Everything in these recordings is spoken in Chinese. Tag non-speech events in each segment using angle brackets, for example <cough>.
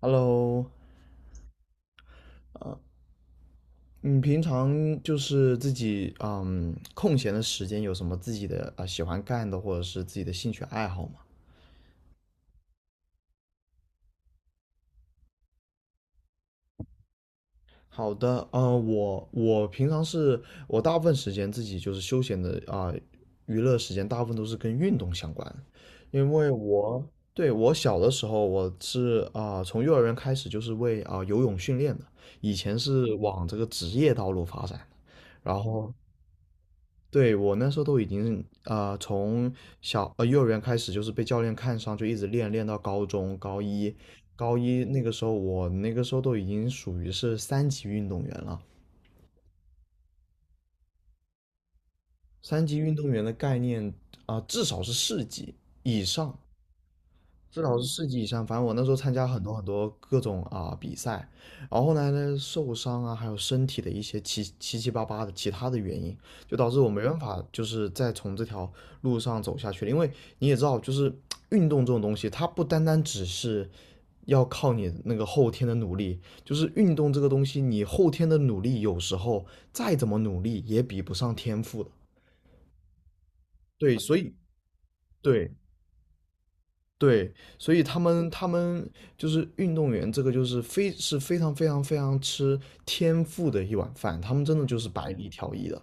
Hello，你平常就是自己空闲的时间有什么自己的喜欢干的或者是自己的兴趣爱好吗？好的，我平常是，我大部分时间自己就是休闲的娱乐时间大部分都是跟运动相关，因为我，对，我小的时候我是从幼儿园开始就是为游泳训练的，以前是往这个职业道路发展的。然后对，我那时候都已经从幼儿园开始就是被教练看上，就一直练到高中高一，高一那个时候我那个时候都已经属于是三级运动员了。三级运动员的概念至少是四级以上，至少是四级以上。反正我那时候参加很多很多各种比赛，然后后来呢，那受伤啊，还有身体的一些七七八八的其他的原因，就导致我没办法就是再从这条路上走下去了。因为你也知道，就是运动这种东西，它不单单只是要靠你那个后天的努力，就是运动这个东西，你后天的努力有时候再怎么努力也比不上天赋的。对，所以对，对，所以他们就是运动员，这个就是非是非常非常非常吃天赋的一碗饭，他们真的就是百里挑一的。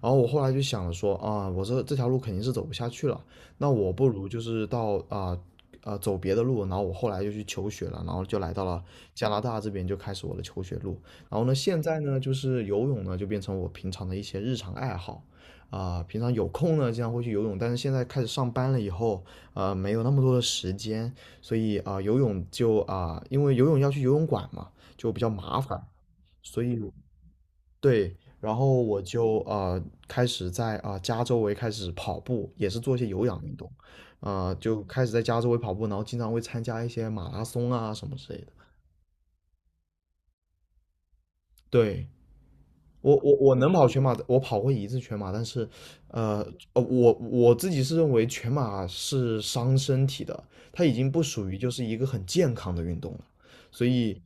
然后我后来就想了说啊，我这条路肯定是走不下去了，那我不如就是到走别的路。然后我后来就去求学了，然后就来到了加拿大这边，就开始我的求学路。然后呢，现在呢就是游泳呢就变成我平常的一些日常爱好。平常有空呢，经常会去游泳，但是现在开始上班了以后，没有那么多的时间，所以游泳就因为游泳要去游泳馆嘛，就比较麻烦，所以对。然后我就开始在家周围开始跑步，也是做一些有氧运动，就开始在家周围跑步，然后经常会参加一些马拉松啊什么之类的。对，我能跑全马的，我跑过一次全马，但是，呃我自己是认为全马是伤身体的，它已经不属于就是一个很健康的运动了。所以，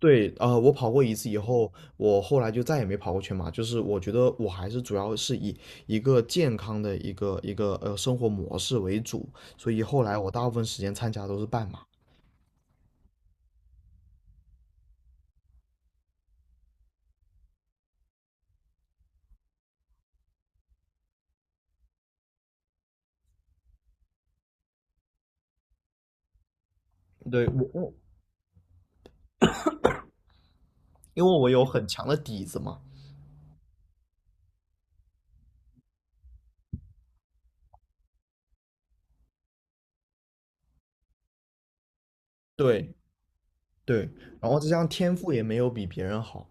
对，我跑过一次以后，我后来就再也没跑过全马，就是我觉得我还是主要是以一个健康的一个生活模式为主，所以后来我大部分时间参加都是半马。对，因为我有很强的底子嘛。对对，然后再加上天赋也没有比别人好，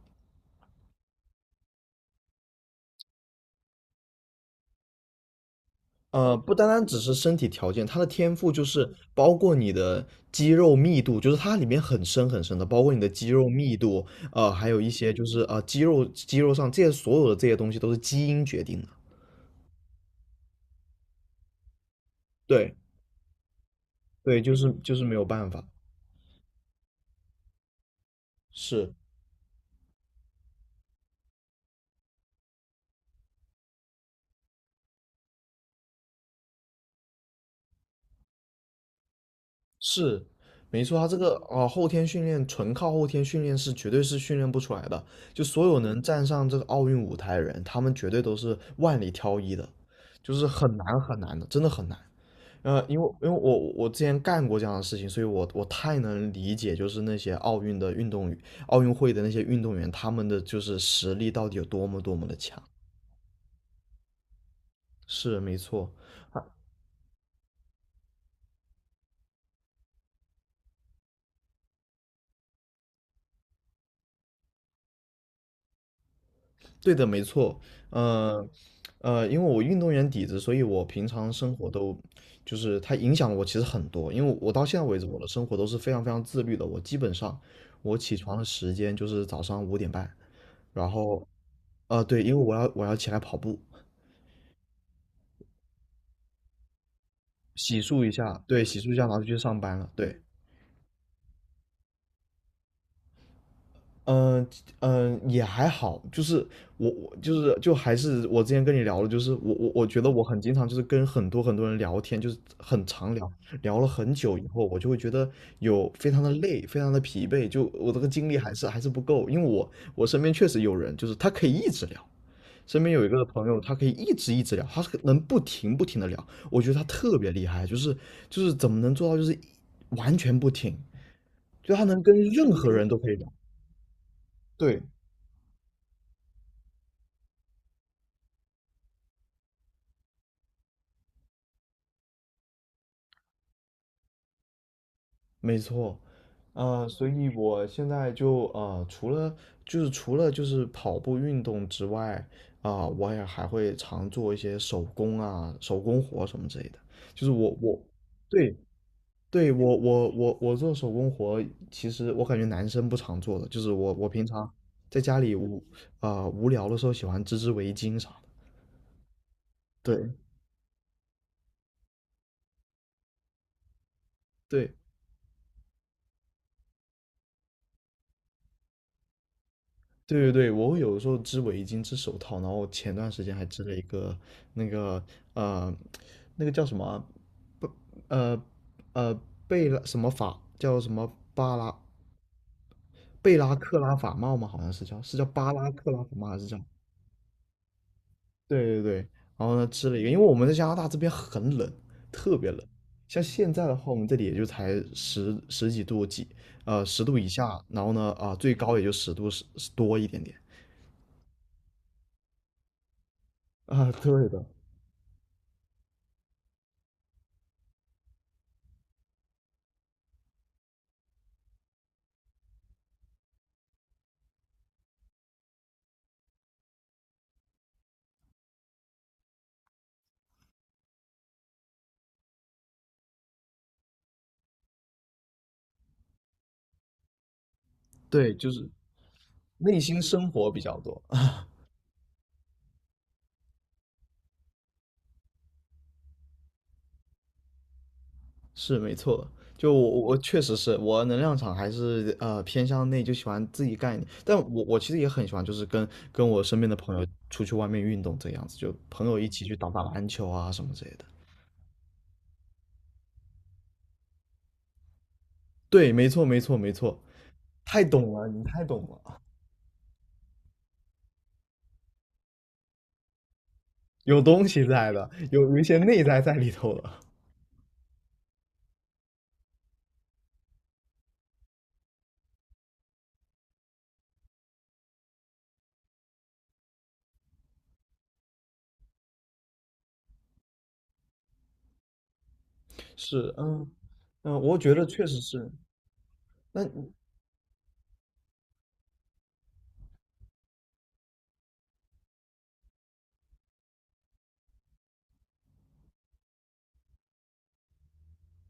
不单单只是身体条件，他的天赋就是包括你的肌肉密度，就是它里面很深很深的，包括你的肌肉密度，还有一些就是肌肉上这些所有的这些东西都是基因决定的。对对，就是没有办法，是是，没错，他这个后天训练纯靠后天训练是绝对是训练不出来的，就所有能站上这个奥运舞台的人，他们绝对都是万里挑一的，就是很难很难的，真的很难。因为我之前干过这样的事情，所以我太能理解，就是那些奥运的运动员、奥运会的那些运动员，他们的就是实力到底有多么多么的强。是，没错。对的，没错。呃因为我运动员底子，所以我平常生活都就是它影响了我其实很多。因为我到现在为止，我的生活都是非常非常自律的。我基本上，我起床的时间就是早上五点半，然后对，因为我要起来跑步。洗漱一下，对，洗漱一下，然后就去上班了。对，嗯、也还好，就是我就是就还是我之前跟你聊的，就是我觉得我很经常就是跟很多很多人聊天，就是很常聊，聊了很久以后，我就会觉得有非常的累，非常的疲惫，就我这个精力还是不够，因为我身边确实有人就是他可以一直聊。身边有一个朋友，他可以一直一直聊，他是能不停不停的聊，我觉得他特别厉害，就是怎么能做到就是完全不停，就他能跟任何人都可以聊。对，没错。所以我现在就除了除了跑步运动之外，我也还会常做一些手工活什么之类的。就是对对，我做手工活，其实我感觉男生不常做的，就是我平常在家里无聊的时候喜欢织围巾啥的。对对，对对对，我有的时候织围巾、织手套，然后前段时间还织了一个那个，呃，那个叫什么不，呃呃贝拉什么法叫什么，巴拉贝拉克拉法帽吗？好像是叫巴拉克拉法帽，还是叫？对对对，然后呢织了一个，因为我们在加拿大这边很冷，特别冷。像现在的话，我们这里也就才十几度，10度以下，然后呢最高也就十度，十多一点点 <laughs> 对的。对，就是内心生活比较多，<laughs> 是没错的，就我确实是我能量场还是偏向内，就喜欢自己干一点。但我其实也很喜欢，就是跟我身边的朋友出去外面运动这样子，就朋友一起去打打篮球啊什么之类的。对，没错没错没错，太懂了，你太懂了，有东西在的，有一些内在在里头了。是，嗯嗯，我觉得确实是。那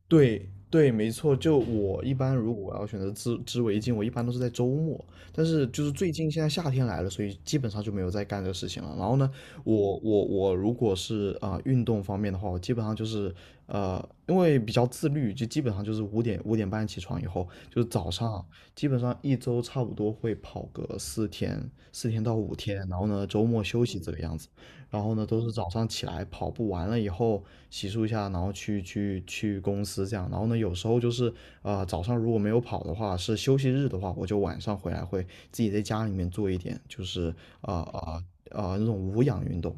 对对，没错。就我一般，如果我要选择织围巾，我一般都是在周末。但是就是最近现在夏天来了，所以基本上就没有在干这个事情了。然后呢，我如果是运动方面的话，我基本上就是呃，因为比较自律，就基本上就是五点半起床以后，就是早上基本上一周差不多会跑个4天到5天，然后呢周末休息这个样子。然后呢，都是早上起来跑步完了以后洗漱一下，然后去公司这样。然后呢，有时候就是早上如果没有跑的话，是休息日的话，我就晚上回来会自己在家里面做一点，就是啊啊那种无氧运动。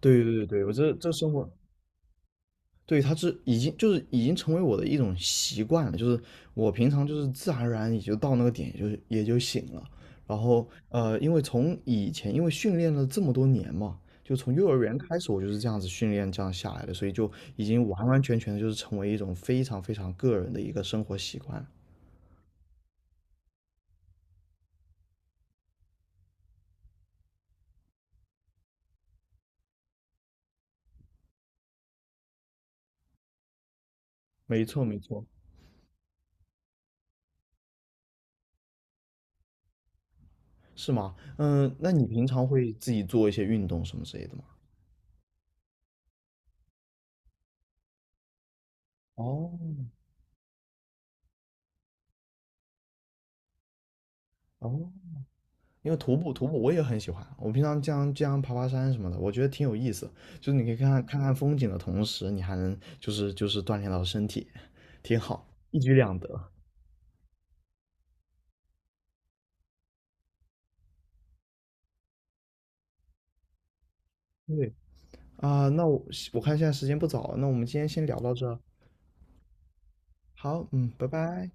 对对对对，我这生活，对，它已经成为我的一种习惯了，就是我平常就是自然而然也就到那个点，也就醒了。然后因为从以前因为训练了这么多年嘛，就从幼儿园开始我就是这样子训练这样下来的，所以就已经完完全全的就是成为一种非常非常个人的一个生活习惯了。没错，没错。是吗？嗯，那你平常会自己做一些运动什么之类的吗？哦，哦，因为徒步我也很喜欢，我平常经常爬爬山什么的，我觉得挺有意思。就是你可以看看风景的同时，你还能就是锻炼到身体，挺好，一举两得。对啊，那我看现在时间不早了，那我们今天先聊到这儿。好，嗯，拜拜。